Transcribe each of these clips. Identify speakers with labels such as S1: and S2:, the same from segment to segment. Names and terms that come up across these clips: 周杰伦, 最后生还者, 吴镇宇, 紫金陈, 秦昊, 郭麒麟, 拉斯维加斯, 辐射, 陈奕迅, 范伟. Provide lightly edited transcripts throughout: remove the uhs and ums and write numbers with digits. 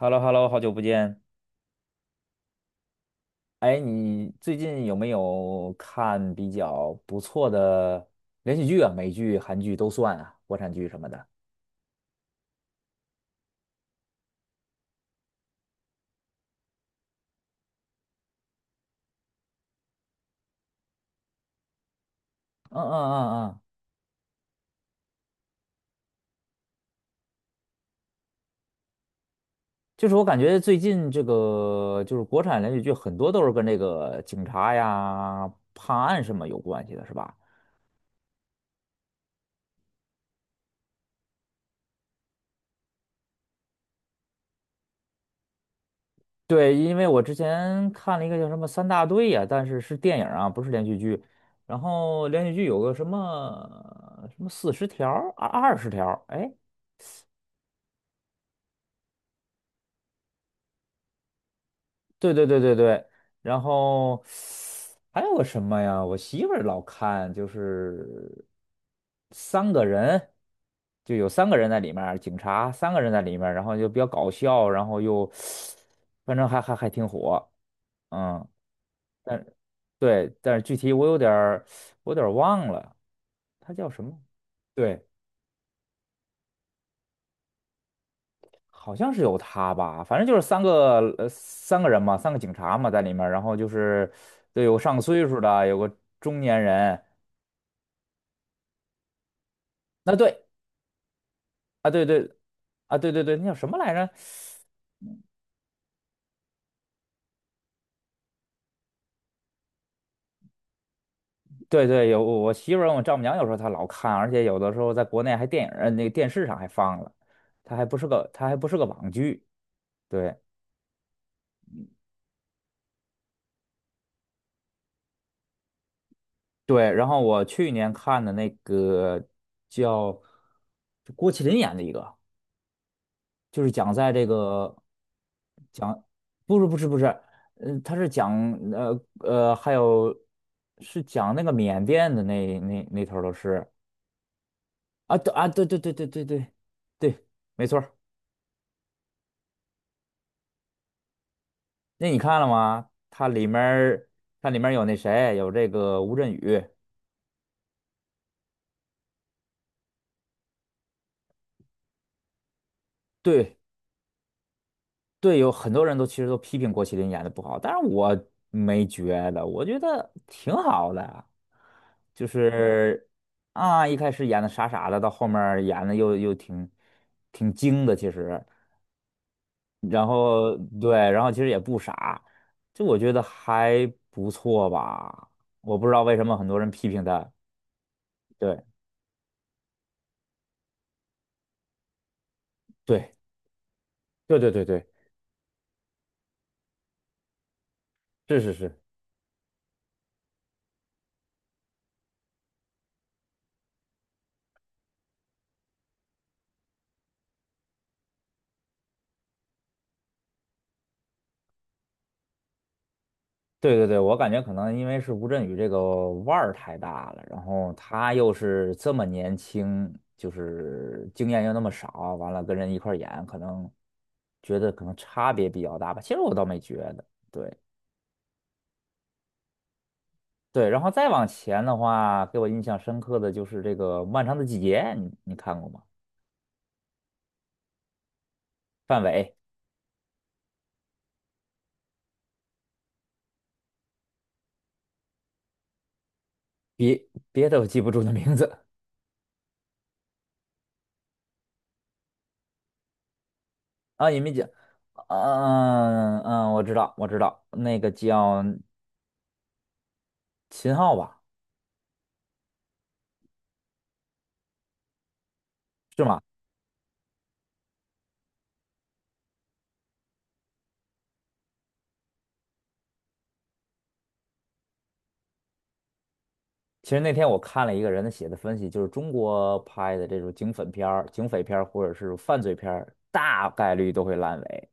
S1: h e l l o h e l l o 好久不见。哎，你最近有没有看比较不错的连续剧啊？美剧、韩剧都算啊，国产剧什么的。嗯嗯嗯嗯，就是我感觉最近这个就是国产连续剧很多都是跟这个警察呀、判案什么有关系的，是吧？对，因为我之前看了一个叫什么《三大队》呀，但是是电影啊，不是连续剧。然后连续剧有个什么什么40条、二十条，哎，对对对对对，然后还有个什么呀？我媳妇儿老看，就是三个人，就有三个人在里面儿，警察三个人在里面儿，然后就比较搞笑，然后又反正还挺火，嗯，但对，但是具体我有点儿忘了，他叫什么？对。好像是有他吧，反正就是三个人嘛，三个警察嘛在里面儿然后就是对有上岁数的，有个中年人，那对啊对对啊对对对，那叫什么来着？对对，有我媳妇儿我丈母娘有时候她老看，而且有的时候在国内还电影儿那个电视上还放了，它还不是个网剧，对对，然后我去年看的那个叫就郭麒麟演的一个，就是讲在这个。不是不是不是，嗯、他是讲还有是讲那个缅甸的那头儿都是啊，对啊，对对对对对对对，没错儿。那你看了吗？它里面儿有那谁，有这个吴镇宇，对对，有很多人都其实都批评郭麒麟演的不好，但是我没觉得，我觉得挺好的，就是啊，一开始演的傻傻的，到后面儿演的又挺精的，其实。然后对，然后其实也不傻，就我觉得还不错吧。我不知道为什么很多人批评他。对对对对对对，是是是，对对对，我感觉可能因为是吴镇宇这个腕儿太大了，然后他又是这么年轻，就是经验又那么少，完了跟人一块儿演，可能觉得可能差别比较大吧。其实我倒没觉得，对。对，然后再往前的话，给我印象深刻的就是这个《漫长的季节》，你看过吗？范伟，别别的我记不住的名字啊，也没讲。嗯嗯，我知道，我知道，那个叫秦昊吧，是吗？其实那天我看了一个人的写的分析，就是中国拍的这种警匪片儿或者是犯罪片儿大概率都会烂尾。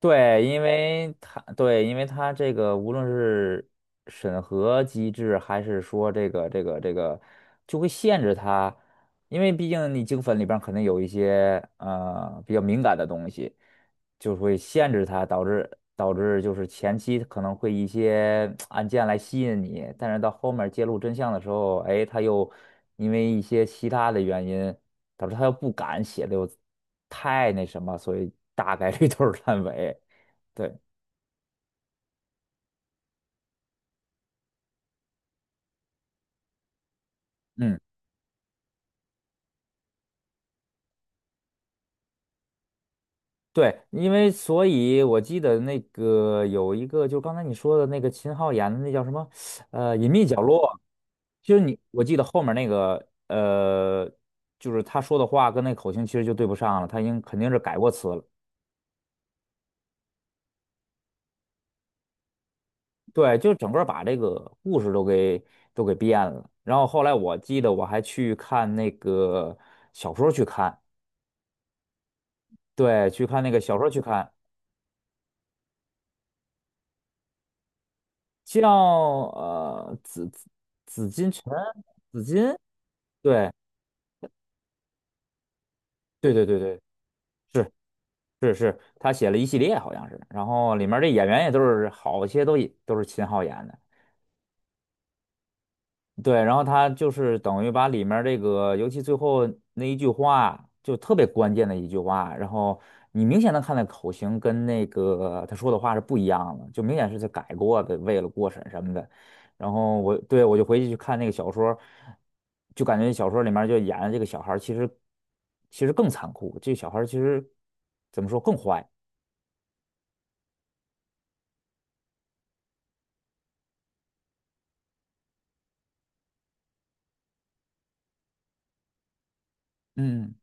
S1: 对，因为它这个无论是审核机制，还是说这个，就会限制它，因为毕竟你精粉里边可能有一些比较敏感的东西，就会限制它，导致就是前期可能会一些 案件来吸引你，但是到后面揭露真相的时候，哎，它又因为一些其他的原因。导致他又不敢写的又太那什么，所以大概率 都是烂尾。对，嗯，对，因为所以我记得那个有一个，就刚才你说的那个秦昊演的那叫什么，《隐秘角落》，就是你，我记得后面那个，就是他说的话跟那口型其实就对不上了，他已经肯定是改过词了。对，就整个把这个故事都给变了。然后后来我记得我还去看那个小说去看，对，去看那个小说去看，叫紫金陈，紫金，对对对对对，是是是，他写了一系列好像是，然后里面这演员也都是好些都也都是秦昊演的。对，然后他就是等于把里面儿这个，尤其最后那一句话，就特别关键的一句话，然后你明显能看到口型跟那个他说的话是不一样的，就明显是他改过的，为了过审什么的。然后我对我就回去去看那个小说，就感觉小说里面儿就演的这个小孩儿其实更残酷，这小孩儿其实怎么说更坏？嗯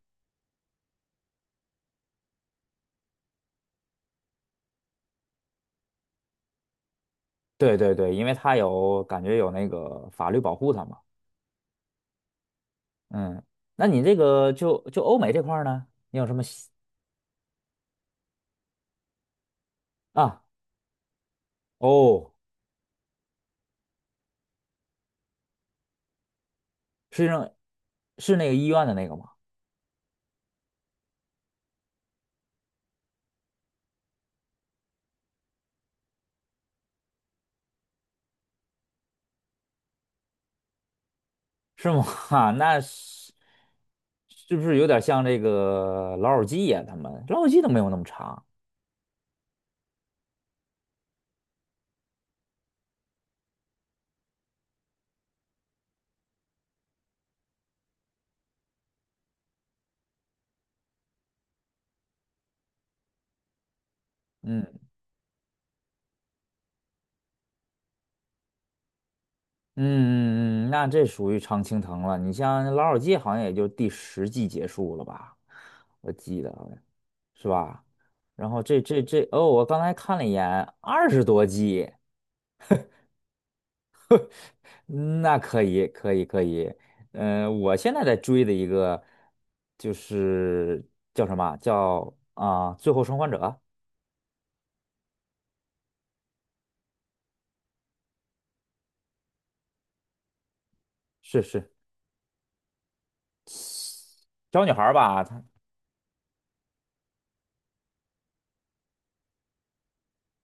S1: 对对对，因为他有感觉有那个法律保护他嘛。嗯，那你这个就欧美这块儿呢，你有什么喜啊？哦，是那是那个医院的那个吗？是吗？哈，是不是有点像这个老友记呀、他们老友记都没有那么长。嗯嗯嗯嗯，那这属于常青藤了。你像老友记好像也就第十季结束了吧？我记得好像是吧？然后这这这哦，我刚才看了一眼，20多季。嗯那可以，可以，可以。嗯、我现在在追的一个就是叫什么啊最后生还者》是小女孩儿吧？她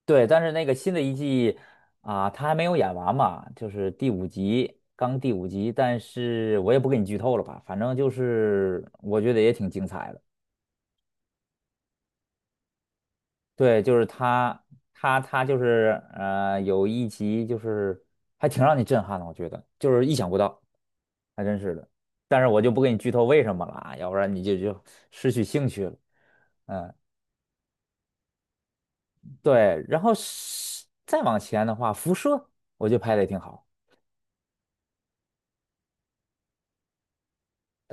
S1: 对，但是那个新的一季啊、她还没有演完嘛，就是第五集，刚第五集。但是我也不给你剧透了吧，反正就是我觉得也挺精彩的。对，她就是有一集就是还挺让你震撼的，我觉得就是意想不到。还真是的。但是我就不给你剧透为什么了啊，要不然你就失去兴趣了。嗯，对。然后是再往前的话，辐射我觉得拍的也挺好。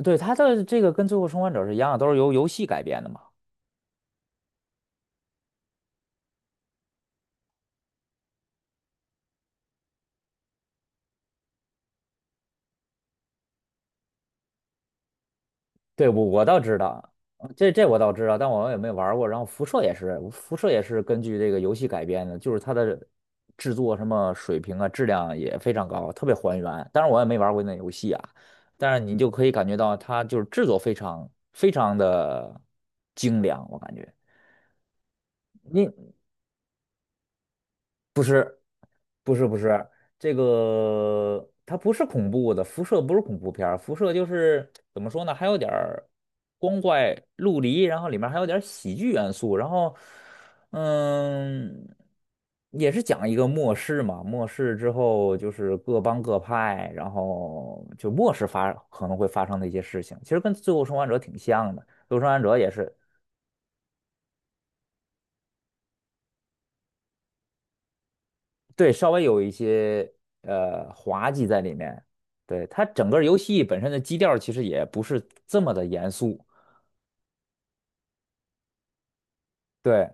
S1: 对，它的这个跟《最后生还者》是一样的，都是由游戏改编的嘛。对，我倒知道，但我也没玩儿过。然后辐射也是根据这个游戏改编的，就是它的制作什么水平啊，质量也非常高，特别还原。当然我也没玩过那游戏啊，但是你就可以感觉到它就是制作非常非常的精良，我感觉。你不是不是，这个它不是恐怖的，辐射不是恐怖片儿辐射就是怎么说呢，还有点儿光怪陆离，然后里面还有点儿喜剧元素，然后嗯，也是讲一个末世嘛，末世之后就是各帮各派，然后就末世可能会发生的一些事情，其实跟《最后生还者》挺像的，《最后生还者》也是对，稍微有一些滑稽在里面。对，它整个游戏本身的基调其实也不是这么的严肃。对，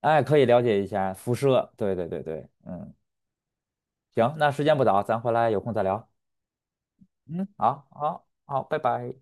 S1: 哎，可以了解一下辐射。对对对对，嗯，行，那时间不早，咱回来有空再聊。嗯，好，好，好，拜拜。